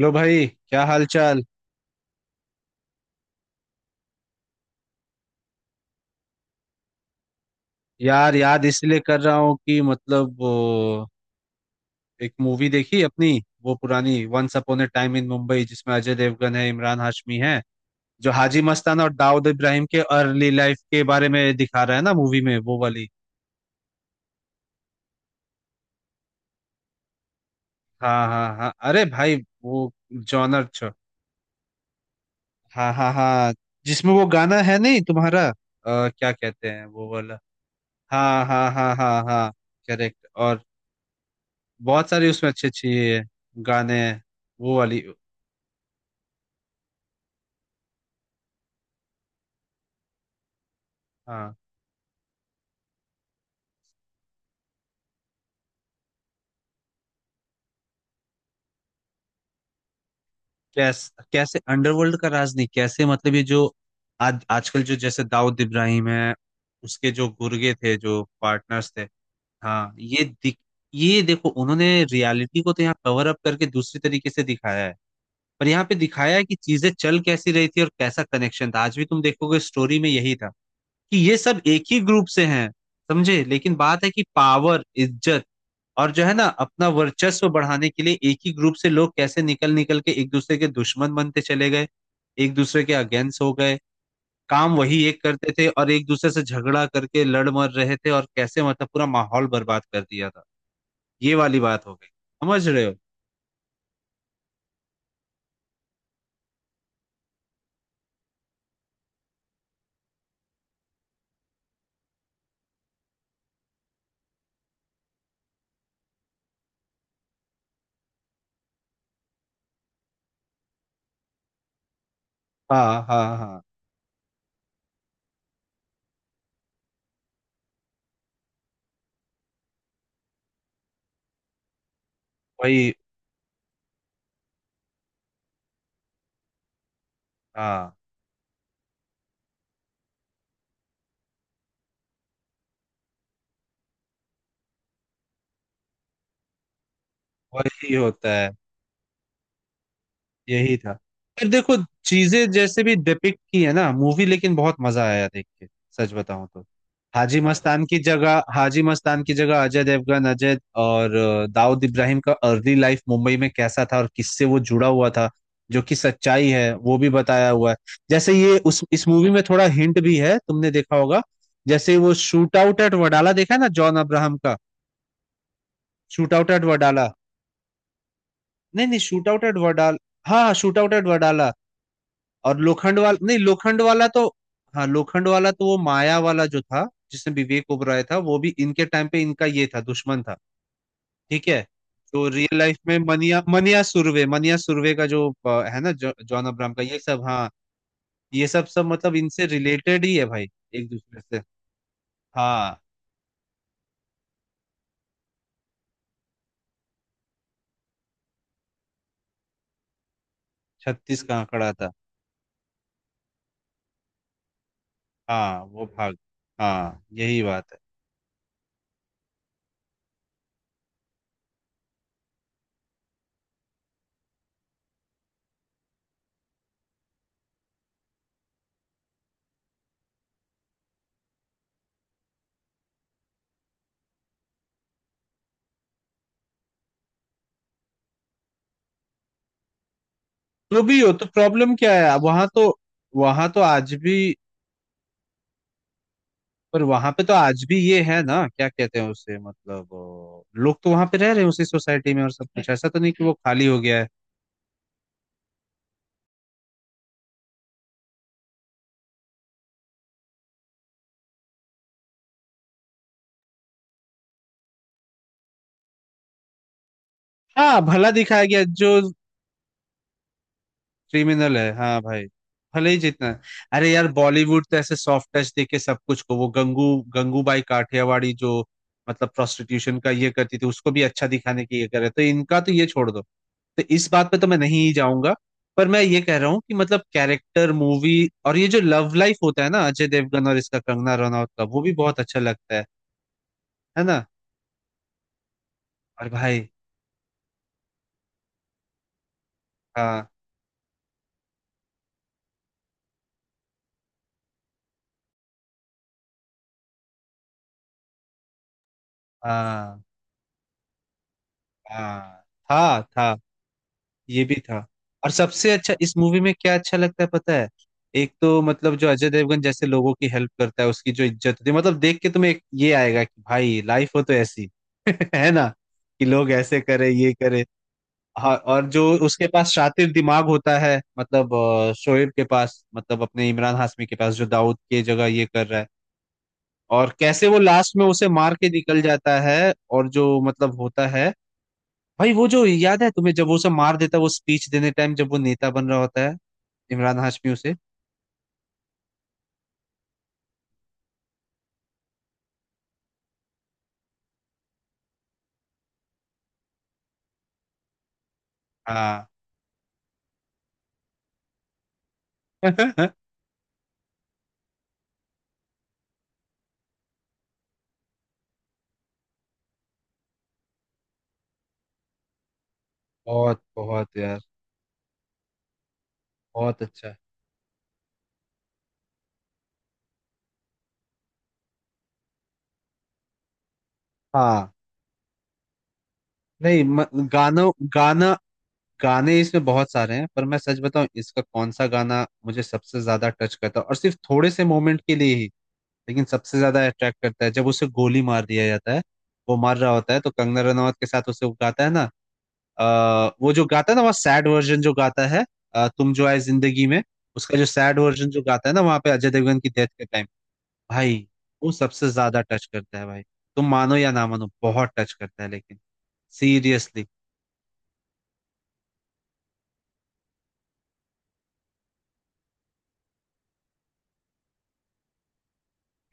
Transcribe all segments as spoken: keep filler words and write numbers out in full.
लो भाई, क्या हाल चाल। यार, याद इसलिए कर रहा हूँ कि मतलब वो एक मूवी देखी अपनी। वो पुरानी once upon a time in Mumbai, जिसमें अजय देवगन है, इमरान हाशमी है। जो हाजी मस्तान और दाऊद इब्राहिम के अर्ली लाइफ के बारे में दिखा रहा है ना मूवी में, वो वाली। हाँ हाँ हाँ, अरे भाई वो जॉनर छ। हाँ हाँ हाँ, जिसमें वो गाना है नहीं तुम्हारा अ, क्या कहते हैं वो वाला। हाँ हाँ हाँ हाँ हाँ, करेक्ट। और बहुत सारे उसमें अच्छे अच्छे ये गाने हैं। वो वाली। हाँ, कैसे कैसे अंडरवर्ल्ड का राज नहीं, कैसे मतलब ये जो आज आजकल जो जैसे दाऊद इब्राहिम है, उसके जो गुर्गे थे, जो पार्टनर्स थे। हाँ, ये दिख ये देखो उन्होंने रियलिटी को तो यहाँ कवर अप करके दूसरी तरीके से दिखाया है। पर यहाँ पे दिखाया है कि चीजें चल कैसी रही थी और कैसा कनेक्शन था। आज भी तुम देखोगे स्टोरी में यही था कि ये सब एक ही ग्रुप से हैं। समझे, लेकिन बात है कि पावर, इज्जत और जो है ना अपना वर्चस्व बढ़ाने के लिए एक ही ग्रुप से लोग कैसे निकल निकल के एक दूसरे के दुश्मन बनते चले गए, एक दूसरे के अगेंस्ट हो गए। काम वही एक करते थे और एक दूसरे से झगड़ा करके लड़ मर रहे थे, और कैसे मतलब पूरा माहौल बर्बाद कर दिया था। ये वाली बात हो गई, समझ रहे हो। हाँ हाँ हाँ, वही। हाँ वही होता है, यही था। पर देखो, चीजें जैसे भी डिपिक्ट की है ना मूवी, लेकिन बहुत मजा आया देख के, सच बताऊं तो। हाजी मस्तान की जगह हाजी मस्तान की जगह अजय देवगन, अजय और अ, दाऊद इब्राहिम का अर्ली लाइफ मुंबई में कैसा था और किससे वो जुड़ा हुआ था, जो कि सच्चाई है, वो भी बताया हुआ है। जैसे ये उस इस मूवी में थोड़ा हिंट भी है, तुमने देखा होगा। जैसे वो शूट आउट एट वडाला देखा है ना, जॉन अब्राहम का। Shootout at Wadala. नहीं नहीं, शूट आउट एट वडाला। हाँ, शूट आउट एट वडाला। और लोखंड वाला नहीं, लोखंड वाला तो हाँ लोखंड वाला तो वो माया वाला जो था जिसमें विवेक ओबराय था, वो भी इनके टाइम पे इनका ये था, दुश्मन था। ठीक है। तो रियल लाइफ में मनिया मनिया सुर्वे मनिया सुर्वे का जो अ, है ना, जॉ- जॉन अब्राहम का ये सब। हाँ, ये सब सब मतलब इनसे रिलेटेड ही है भाई, एक दूसरे से। हाँ, छत्तीस का आंकड़ा था। हाँ वो भाग। हाँ यही बात है। तो भी हो तो प्रॉब्लम क्या है वहां तो वहां तो आज भी। पर वहां पे तो आज भी ये है ना, क्या कहते हैं उसे, मतलब अ, लोग तो वहां पे रह रहे हैं उसी सोसाइटी में, और सब कुछ ऐसा तो नहीं कि वो खाली हो गया है। हाँ भला दिखाया गया जो। क्रिमिनल है, हाँ भाई, भले ही जितना है। अरे यार बॉलीवुड तो ऐसे सॉफ्ट टच देके सब कुछ को, वो गंगू गंगूबाई काठियावाड़ी जो मतलब प्रोस्टिट्यूशन का ये करती थी, उसको भी अच्छा दिखाने की ये करे, तो इनका तो ये छोड़ दो। तो इस बात पे तो मैं नहीं जाऊंगा। पर मैं ये कह रहा हूँ कि मतलब कैरेक्टर मूवी और ये जो लव लाइफ होता है ना अजय देवगन और इसका, कंगना रनौत का, वो भी बहुत अच्छा लगता है। है ना। और भाई हाँ हाँ हाँ, था था ये भी था। और सबसे अच्छा इस मूवी में क्या अच्छा लगता है पता है, एक तो मतलब जो अजय देवगन जैसे लोगों की हेल्प करता है, उसकी जो इज्जत होती है, मतलब देख के तुम्हें एक ये आएगा कि भाई लाइफ हो तो ऐसी। है ना, कि लोग ऐसे करे, ये करे। हाँ, और जो उसके पास शातिर दिमाग होता है, मतलब अ, शोएब के पास, मतलब अपने इमरान हाशमी के पास, जो दाऊद की जगह ये कर रहा है। और कैसे वो लास्ट में उसे मार के निकल जाता है और जो मतलब होता है। भाई वो जो याद है तुम्हें, जब वो सब मार देता है, वो स्पीच देने टाइम, जब वो नेता बन रहा होता है, इमरान हाशमी उसे। हाँ, बहुत बहुत यार, बहुत अच्छा। हाँ नहीं, म, गानों गाना गाने इसमें बहुत सारे हैं। पर मैं सच बताऊं, इसका कौन सा गाना मुझे सबसे ज्यादा टच करता है और सिर्फ थोड़े से मोमेंट के लिए ही, लेकिन सबसे ज्यादा अट्रैक्ट करता है, जब उसे गोली मार दिया जाता है। वो मार रहा होता है तो कंगना रनावत के साथ उसे वो गाता है ना, आ, वो जो गाता है ना वहाँ, सैड वर्जन जो गाता है, अ, तुम जो आए जिंदगी में। उसका जो सैड वर्जन जो गाता है ना वहाँ पे, अजय देवगन की डेथ के टाइम, भाई वो सबसे ज्यादा टच करता है भाई। तुम मानो या ना मानो, बहुत टच करता है, लेकिन सीरियसली।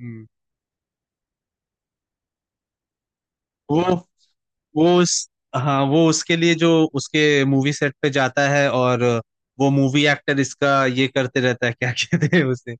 हम्म। वो वो उस हाँ, वो उसके लिए जो उसके मूवी सेट पे जाता है, और वो मूवी एक्टर इसका ये करते रहता है, क्या कहते हैं उसे,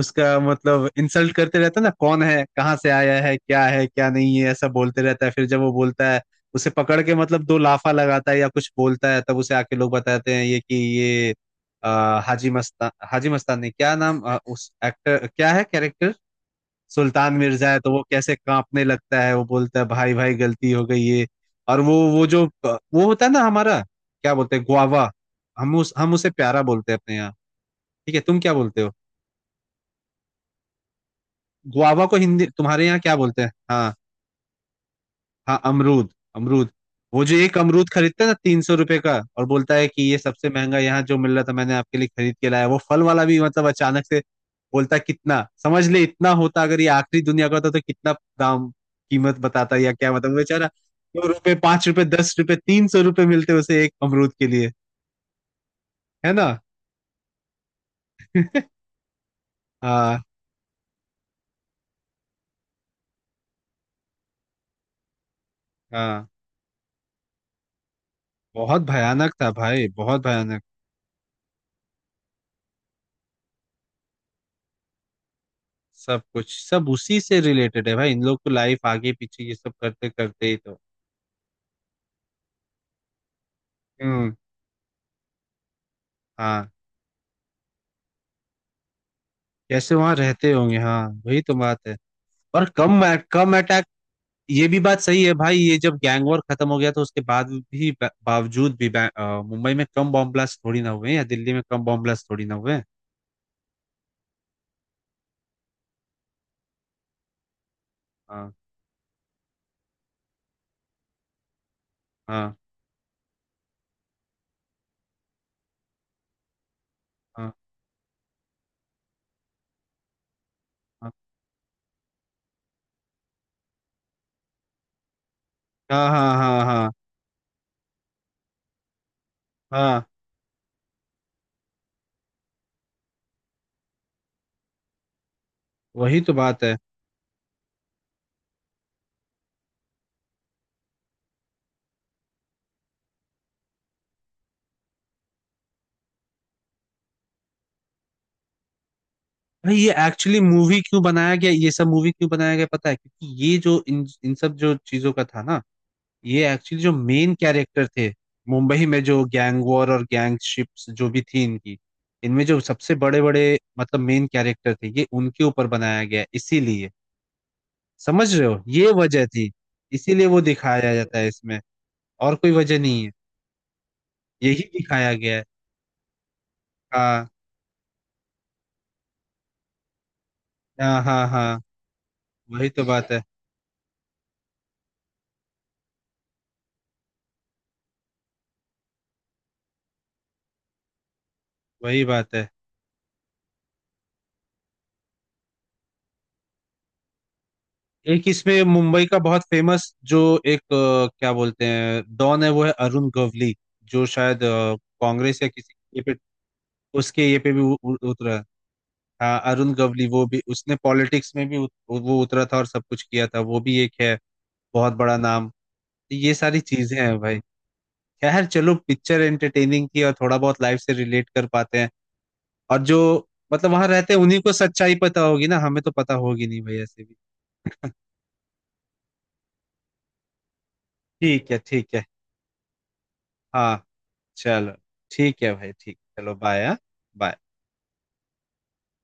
उसका मतलब इंसल्ट करते रहता है ना, कौन है, कहाँ से आया है, क्या है, क्या नहीं है, ऐसा बोलते रहता है। फिर जब वो बोलता है, उसे पकड़ के मतलब दो लाफा लगाता है या कुछ बोलता है, तब उसे आके लोग बताते हैं ये कि ये आ, हाजी मस्तान, हाजी मस्तान ने क्या नाम अ, उस एक्टर क्या है कैरेक्टर सुल्तान मिर्जा है, तो वो कैसे कांपने लगता है, वो बोलता है भाई भाई गलती हो गई ये। और वो वो जो वो होता है ना हमारा, क्या बोलते हैं, गुआवा। हम उस हम उसे प्यारा बोलते हैं अपने यहाँ, ठीक है। तुम क्या बोलते हो, गुआवा को हिंदी तुम्हारे यहाँ क्या बोलते हैं। हाँ हाँ, अमरूद, अमरूद। वो जो एक अमरूद खरीदता है ना तीन सौ रुपए का, और बोलता है कि ये सबसे महंगा यहाँ जो मिल रहा था, मैंने आपके लिए खरीद के लाया। वो फल वाला भी मतलब अचानक से बोलता है, कितना समझ ले, इतना होता अगर ये आखिरी दुनिया का होता तो कितना दाम, कीमत बताता, या क्या मतलब बेचारा। दो रुपए, पांच रुपए, दस रुपए, तीन सौ रुपए मिलते उसे एक अमरूद के लिए। है ना। हाँ हाँ, बहुत भयानक था भाई, बहुत भयानक। सब कुछ सब उसी से रिलेटेड है भाई, इन लोग को लाइफ आगे पीछे ये सब करते करते ही तो। हम्म। हाँ कैसे वहां रहते होंगे, हाँ वही तो बात है। और कम अ- कम अटैक, ये भी बात सही है भाई। ये जब गैंग वॉर खत्म हो गया तो उसके बाद भी बा- बावजूद भी बै- अ, मुंबई में कम बॉम्ब ब्लास्ट थोड़ी ना हुए, या दिल्ली में कम बॉम्ब ब्लास्ट थोड़ी ना हुए। हाँ हाँ हाँ हाँ हाँ हाँ हाँ हाँ हाँ, वही तो बात है। भाई ये एक्चुअली मूवी क्यों बनाया गया, ये सब मूवी क्यों बनाया गया, पता है, क्योंकि ये जो इन इन सब जो चीजों का था ना, ये एक्चुअली जो मेन कैरेक्टर थे, मुंबई में जो गैंग वॉर और गैंगशिप्स जो भी थी इनकी, इनमें जो सबसे बड़े बड़े, मतलब मेन कैरेक्टर थे ये, उनके ऊपर बनाया गया है, इसीलिए। समझ रहे हो, ये वजह थी, इसीलिए वो दिखाया जाता है इसमें, और कोई वजह नहीं है। यही दिखाया गया है। हाँ हाँ हाँ हाँ, वही तो बात है, वही बात है। एक इसमें मुंबई का बहुत फेमस जो एक अ, क्या बोलते हैं डॉन है, वो है अरुण गवली। जो शायद अ, कांग्रेस या किसी उसके ये पे भी उ- उ- उतरा। हाँ अरुण गवली, वो भी उसने पॉलिटिक्स में भी उत, वो उतरा था और सब कुछ किया था, वो भी एक है, बहुत बड़ा नाम। तो ये सारी चीजें हैं भाई। खैर चलो, पिक्चर एंटरटेनिंग थी और थोड़ा बहुत लाइफ से रिलेट कर पाते हैं। और जो मतलब वहां रहते हैं उन्हीं को सच्चाई पता होगी ना, हमें तो पता होगी नहीं भाई ऐसे भी। ठीक है ठीक है। हाँ चलो, ठीक है भाई, ठीक, चलो बाय। हाँ बाय।